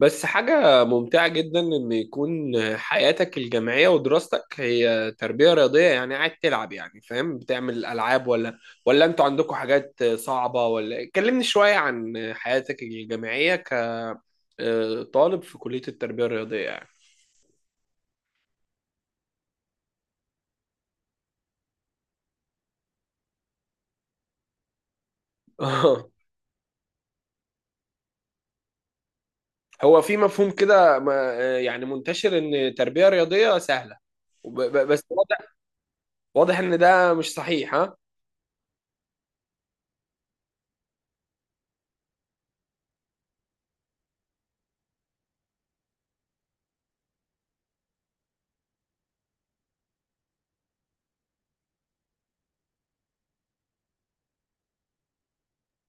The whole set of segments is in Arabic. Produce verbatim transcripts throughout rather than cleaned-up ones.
بس حاجة ممتعة جدا إن يكون حياتك الجامعية ودراستك هي تربية رياضية. يعني قاعد تلعب، يعني فاهم، بتعمل ألعاب ولا ولا أنتوا عندكم حاجات صعبة؟ ولا كلمني شوية عن حياتك الجامعية كطالب في كلية التربية الرياضية يعني. آه. هو في مفهوم كده ما- يعني منتشر إن تربية رياضية سهلة. وب- ب- بس واضح، واضح إن ده مش صحيح، ها؟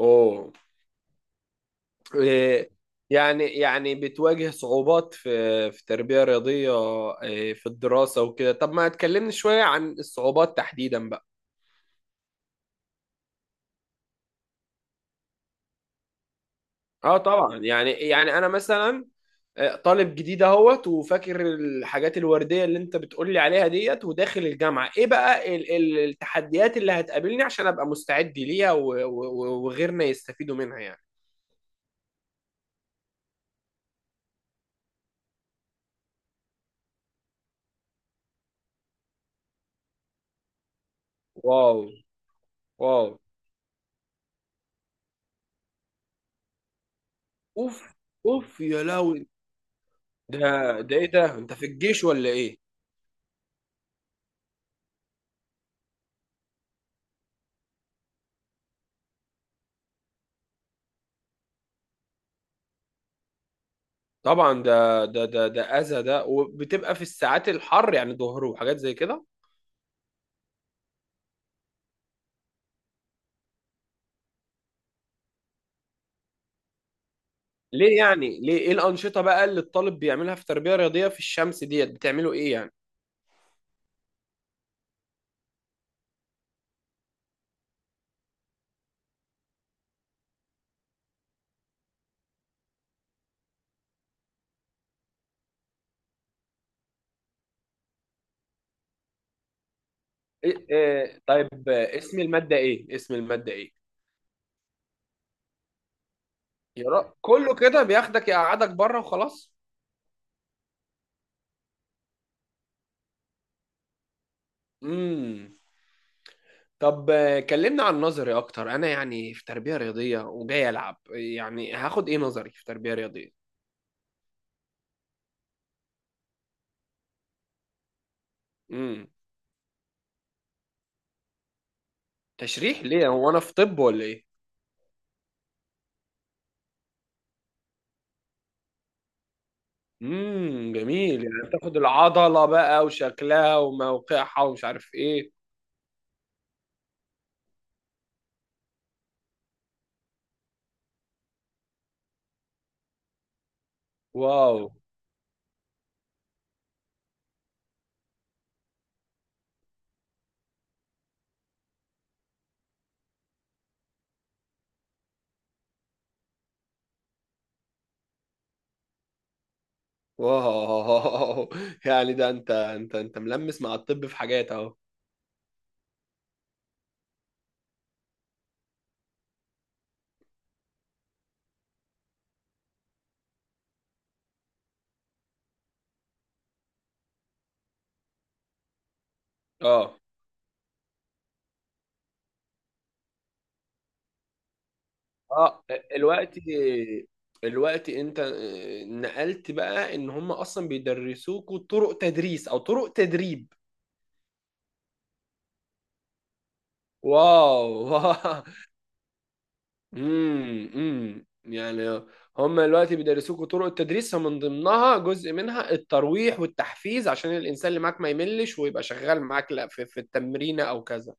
أوه، إيه، يعني يعني بتواجه صعوبات في في تربية رياضية، إيه، في الدراسة وكده. طب ما تكلمني شوية عن الصعوبات تحديدا بقى. اه طبعا، يعني يعني انا مثلا آه، طالب جديد اهوت، وفاكر الحاجات الوردية اللي انت بتقولي عليها ديت. وداخل الجامعة ايه بقى ال- ال- التحديات اللي هتقابلني، عشان ابقى مستعد ليها و- و- و- وغيرنا يستفيدوا منها يعني. واو. واو. اوف. اوف يا لهوي. ده، ده ايه ده، انت في الجيش ولا ايه؟ طبعا ده ده ده ده اذى ده، وبتبقى في الساعات الحر، يعني ظهر وحاجات زي كده. ليه يعني؟ ليه؟ ايه الانشطه بقى اللي الطالب بيعملها في تربيه رياضيه في الشمس ديت؟ بتعملوا ايه يعني؟ إيه، إيه، طيب، آه، اسم الماده ايه؟ اسم الماده ايه؟ يا رب كله كده بياخدك يقعدك بره وخلاص. امم طب آه، كلمنا عن نظري اكتر. انا يعني في تربيه رياضيه وجاي العب، يعني هاخد ايه نظري في تربيه رياضيه؟ امم تشريح؟ ليه، هو انا في طب ولا ايه؟ امم، جميل. يعني تاخد العضلة بقى وشكلها وموقعها، ومش عارف ايه. واو. واو. يعني ده انت، انت انت ملمس مع الطب في حاجات اهو. اه، اه، الوقت الوقت انت نقلت بقى ان هم اصلا بيدرسوكوا طرق تدريس او طرق تدريب. واو. امم امم يعني هم دلوقتي بيدرسوكوا طرق التدريس، من ضمنها جزء منها الترويح والتحفيز، عشان الانسان اللي معاك ما يملش ويبقى شغال معاك، لا في, في التمرين او كذا.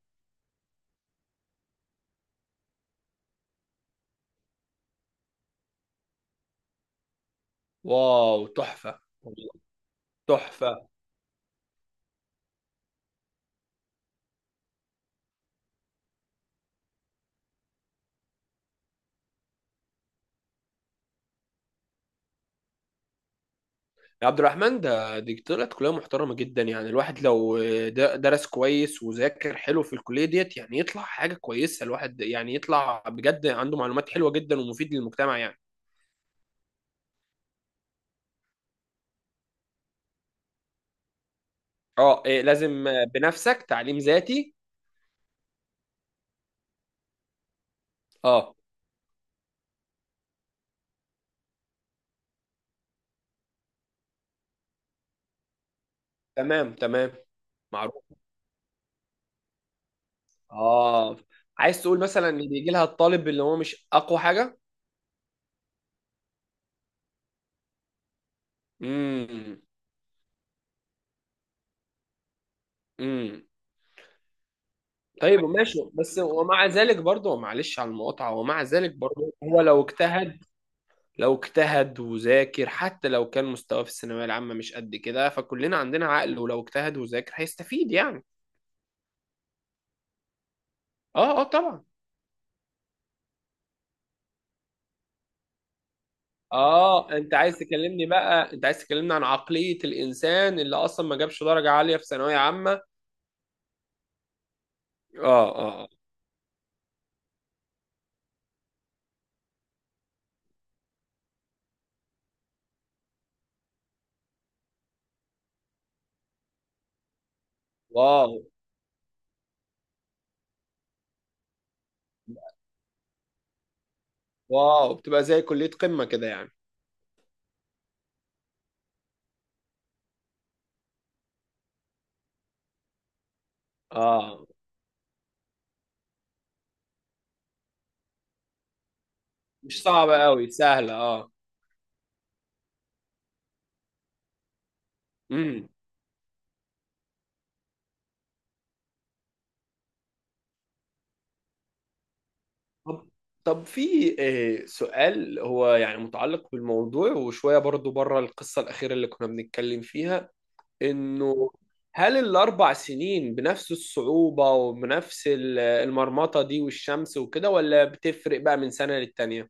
واو. تحفه والله. تحفه. يا عبد الرحمن، ده، دي طلعت كليه محترمه جدا. يعني الواحد لو د- درس كويس وذاكر حلو في الكليه ديت، يعني يطلع حاجه كويسه. الواحد يعني يطلع بجد عنده معلومات حلوة جدا، ومفيد للمجتمع يعني. اه، إيه، لازم بنفسك، تعليم ذاتي. اه. تمام، تمام. معروف. اه، عايز تقول مثلا ان بيجي لها الطالب اللي هو مش اقوى حاجه. امم. امم. طيب، ماشي، بس ومع ذلك برضه، معلش على المقاطعه، ومع ذلك برضه، هو لو اجتهد، لو اجتهد وذاكر، حتى لو كان مستواه في الثانويه العامه مش قد كده، فكلنا عندنا عقل، ولو اجتهد وذاكر هيستفيد يعني. اه. اه، طبعا. اه، انت عايز تكلمني بقى، انت عايز تكلمني عن عقليه الانسان اللي اصلا ما جابش درجه عاليه في ثانويه عامه، اه. اه، آه. واو. واو، بتبقى زي كلية قمة كده يعني. اه، مش صعبة قوي، سهلة، اه. امم. طب طب في آه، سؤال، هو يعني متعلق بالموضوع وشوية برضو بره، القصة الأخيرة اللي كنا بنتكلم فيها. إنه هل الأربع سنين بنفس الصعوبة وبنفس ال- المرمطة دي والشمس وكده، ولا بتفرق بقى من سنة للتانية؟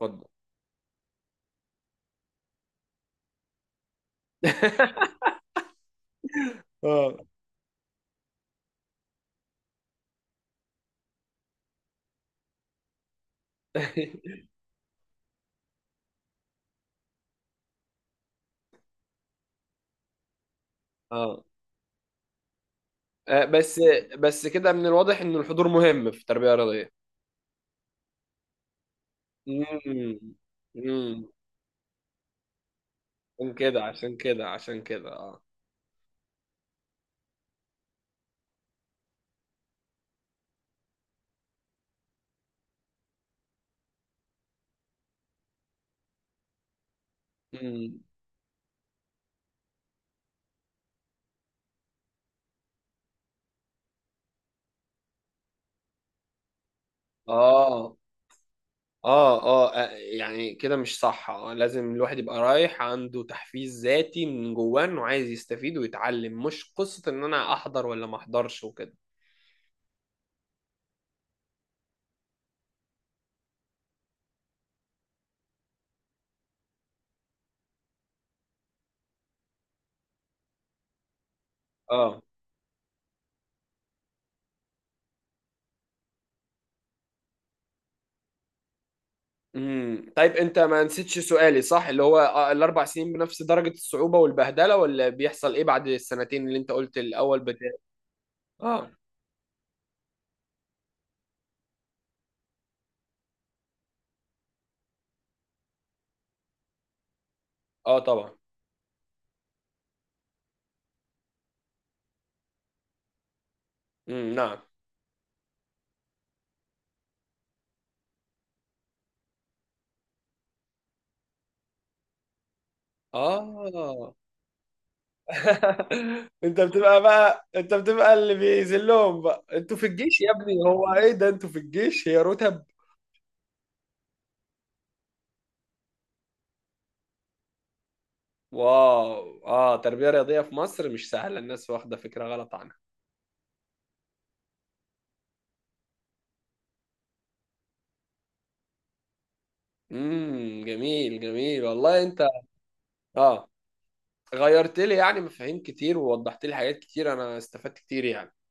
اتفضل. اه. اه، آه، بس بس كده من الواضح إن الحضور مهم في التربية الرياضية. امم. امم. عشان كده، عشان كده، عشان كده، اه. امم. اه، اه، اه، آه، يعني كده مش صح، اه. لازم الواحد يبقى رايح عنده تحفيز ذاتي من جواه، انه عايز يستفيد ويتعلم، مش قصة ان انا احضر ولا ما احضرش وكده. اه. امم. طيب، انت ما نسيتش سؤالي، صح؟ اللي هو آه، الاربع سنين بنفس درجة الصعوبة والبهدلة، ولا بيحصل ايه بعد السنتين اللي انت قلت الاول بتاع؟ اه. اه، طبعا. امم. نعم. اه، انت بتبقى بقى، انت بتبقى اللي بيذلهم بقى. انتوا في الجيش يا ابني، هو ايه ده، انتوا في الجيش هي رتب؟ واو. اه، تربية رياضية في مصر مش سهلة، الناس واخدة فكرة غلط عنها. امم، جميل، جميل والله. انت اه، غيرت لي يعني مفاهيم كتير، ووضحت لي حاجات كتير، انا استفدت كتير يعني.